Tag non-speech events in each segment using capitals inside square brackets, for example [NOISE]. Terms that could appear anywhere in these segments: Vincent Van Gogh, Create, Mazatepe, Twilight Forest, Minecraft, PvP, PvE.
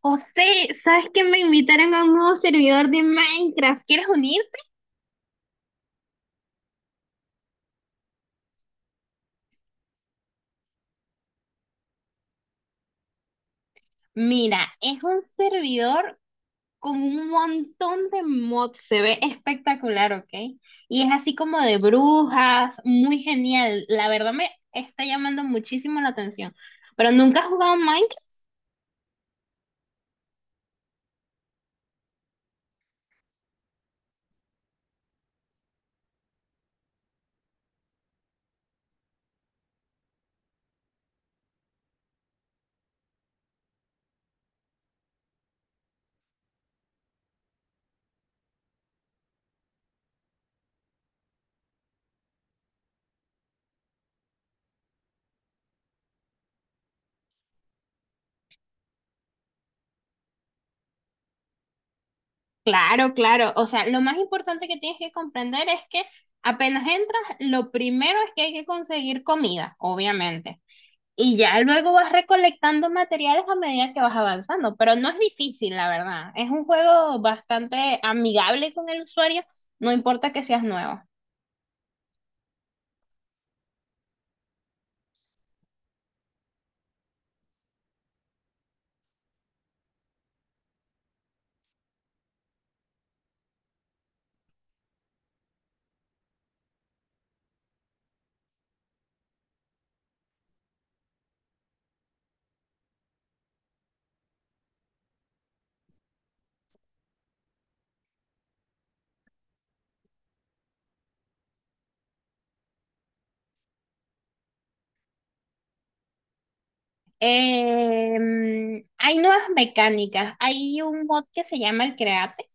José, ¿sabes que me invitaron a un nuevo servidor de Minecraft? ¿Quieres unir? Mira, es un servidor con un montón de mods, se ve espectacular, ¿ok? Y es así como de brujas, muy genial. La verdad me está llamando muchísimo la atención. Pero nunca has jugado Minecraft. Claro, claro. O sea, lo más importante que tienes que comprender es que apenas entras, lo primero es que hay que conseguir comida, obviamente. Y ya luego vas recolectando materiales a medida que vas avanzando, pero no es difícil, la verdad. Es un juego bastante amigable con el usuario, no importa que seas nuevo. Hay nuevas mecánicas. Hay un mod que se llama el Create,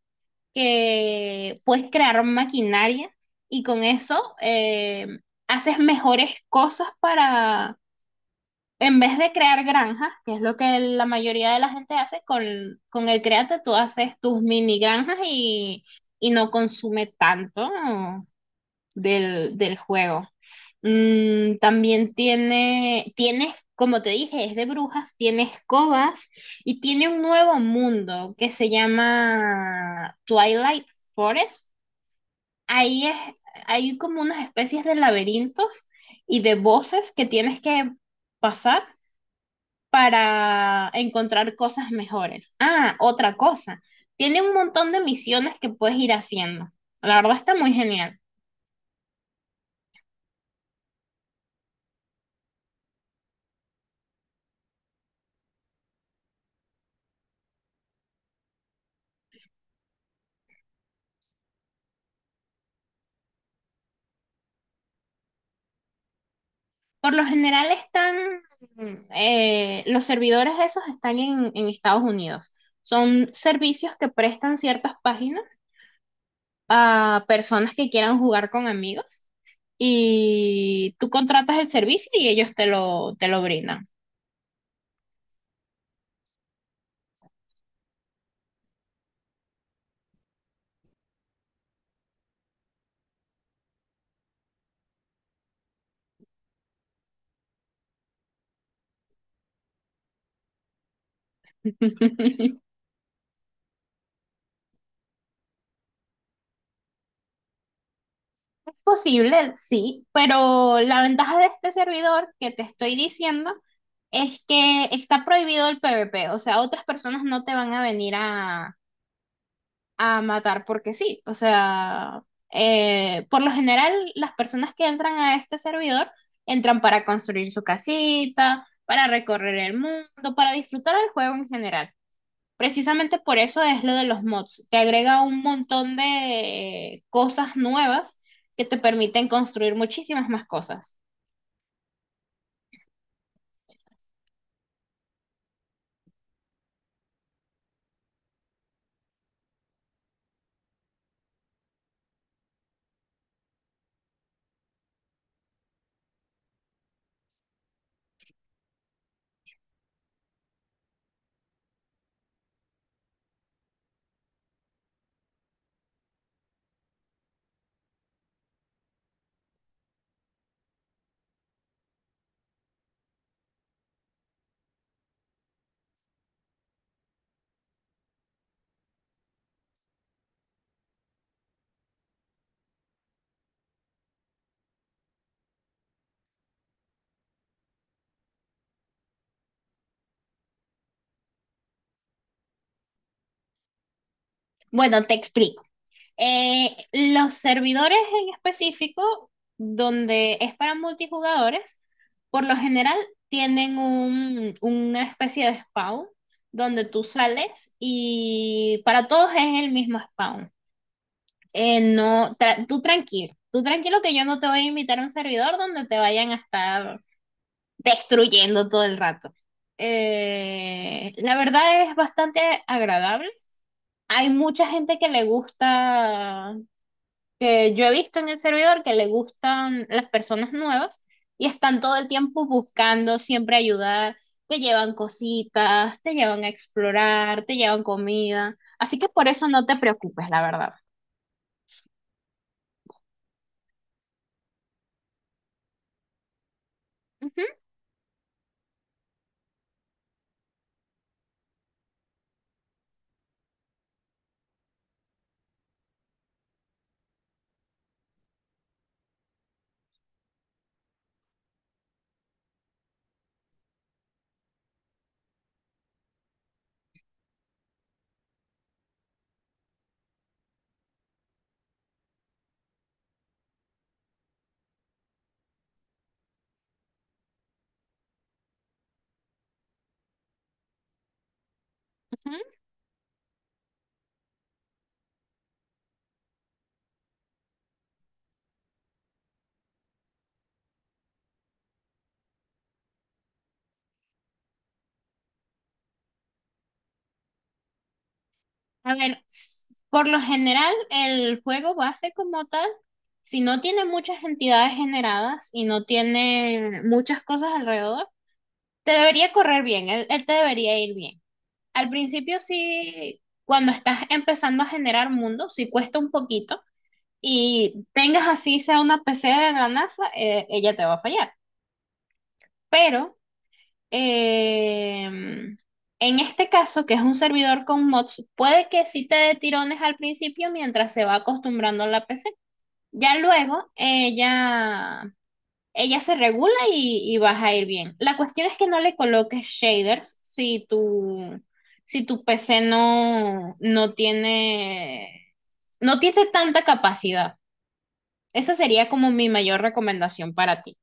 que puedes crear maquinaria y con eso haces mejores cosas para, en vez de crear granjas, que es lo que la mayoría de la gente hace, con el Créate tú haces tus mini granjas y no consume tanto del juego. También tiene, tienes, como te dije, es de brujas, tiene escobas y tiene un nuevo mundo que se llama Twilight Forest. Ahí es, hay como unas especies de laberintos y de voces que tienes que pasar para encontrar cosas mejores. Ah, otra cosa, tiene un montón de misiones que puedes ir haciendo. La verdad está muy genial. Por lo general están, los servidores esos están en Estados Unidos. Son servicios que prestan ciertas páginas a personas que quieran jugar con amigos y tú contratas el servicio y ellos te lo brindan. [LAUGHS] Posible, sí, pero la ventaja de este servidor que te estoy diciendo es que está prohibido el PvP, o sea, otras personas no te van a venir a matar porque sí, o sea, por lo general las personas que entran a este servidor entran para construir su casita, para recorrer el mundo, para disfrutar el juego en general. Precisamente por eso es lo de los mods. Te agrega un montón de cosas nuevas que te permiten construir muchísimas más cosas. Bueno, te explico. Los servidores en específico, donde es para multijugadores, por lo general tienen una especie de spawn donde tú sales y para todos es el mismo spawn. No, tú tranquilo que yo no te voy a invitar a un servidor donde te vayan a estar destruyendo todo el rato. La verdad es bastante agradable. Hay mucha gente que le gusta, que yo he visto en el servidor, que le gustan las personas nuevas y están todo el tiempo buscando siempre ayudar, te llevan cositas, te llevan a explorar, te llevan comida. Así que por eso no te preocupes, la verdad. Ujú, ujú. A ver, por lo general, el juego base como tal, si no tiene muchas entidades generadas y no tiene muchas cosas alrededor, te debería correr bien, él te debería ir bien. Al principio sí, cuando estás empezando a generar mundos, sí cuesta un poquito y tengas así sea una PC de la NASA, ella te va a fallar. Pero Em, en este caso, que es un servidor con mods, puede que sí te dé tirones al principio mientras se va acostumbrando a la PC. Ya luego ella se regula y vas a ir bien. La cuestión es que no le coloques shaders si tu PC no, no tiene, no tiene tanta capacidad. Esa sería como mi mayor recomendación para ti.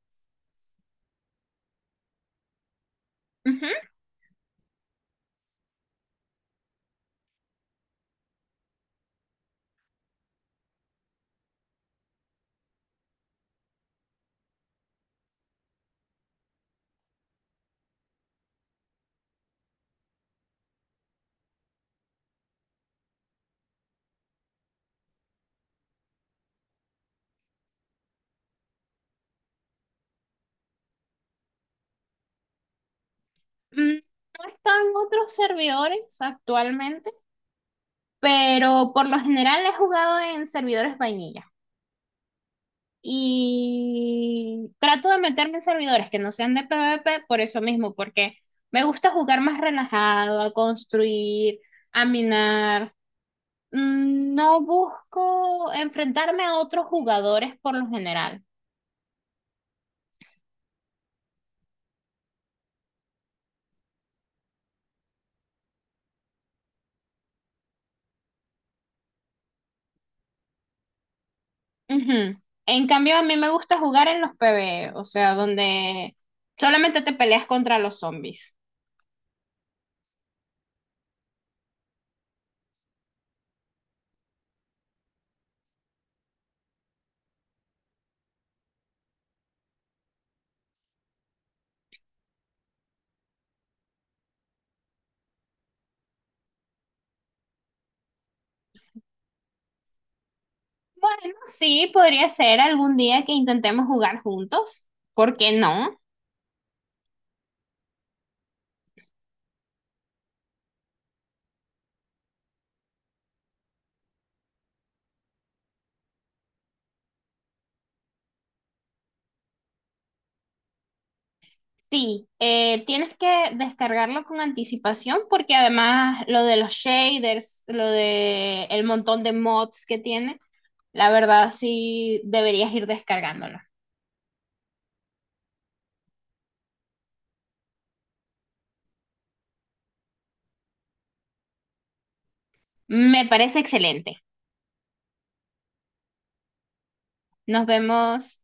Ujú. Mm, No están otros servidores actualmente, pero por lo general he jugado en servidores vainilla. Y trato de meterme en servidores que no sean de PvP por eso mismo, porque me gusta jugar más relajado, a construir, a minar. No busco enfrentarme a otros jugadores por lo general. Ujú. En cambio, a mí me gusta jugar en los PvE, o sea, donde solamente te peleas contra los zombies. Bueno, sí, podría ser algún día que intentemos jugar juntos. ¿Por qué no? Sí, tienes que descargarlo con anticipación porque además lo de los shaders, lo de el montón de mods que tiene, la verdad sí deberías ir descargándolo. Me parece excelente. Nos vemos.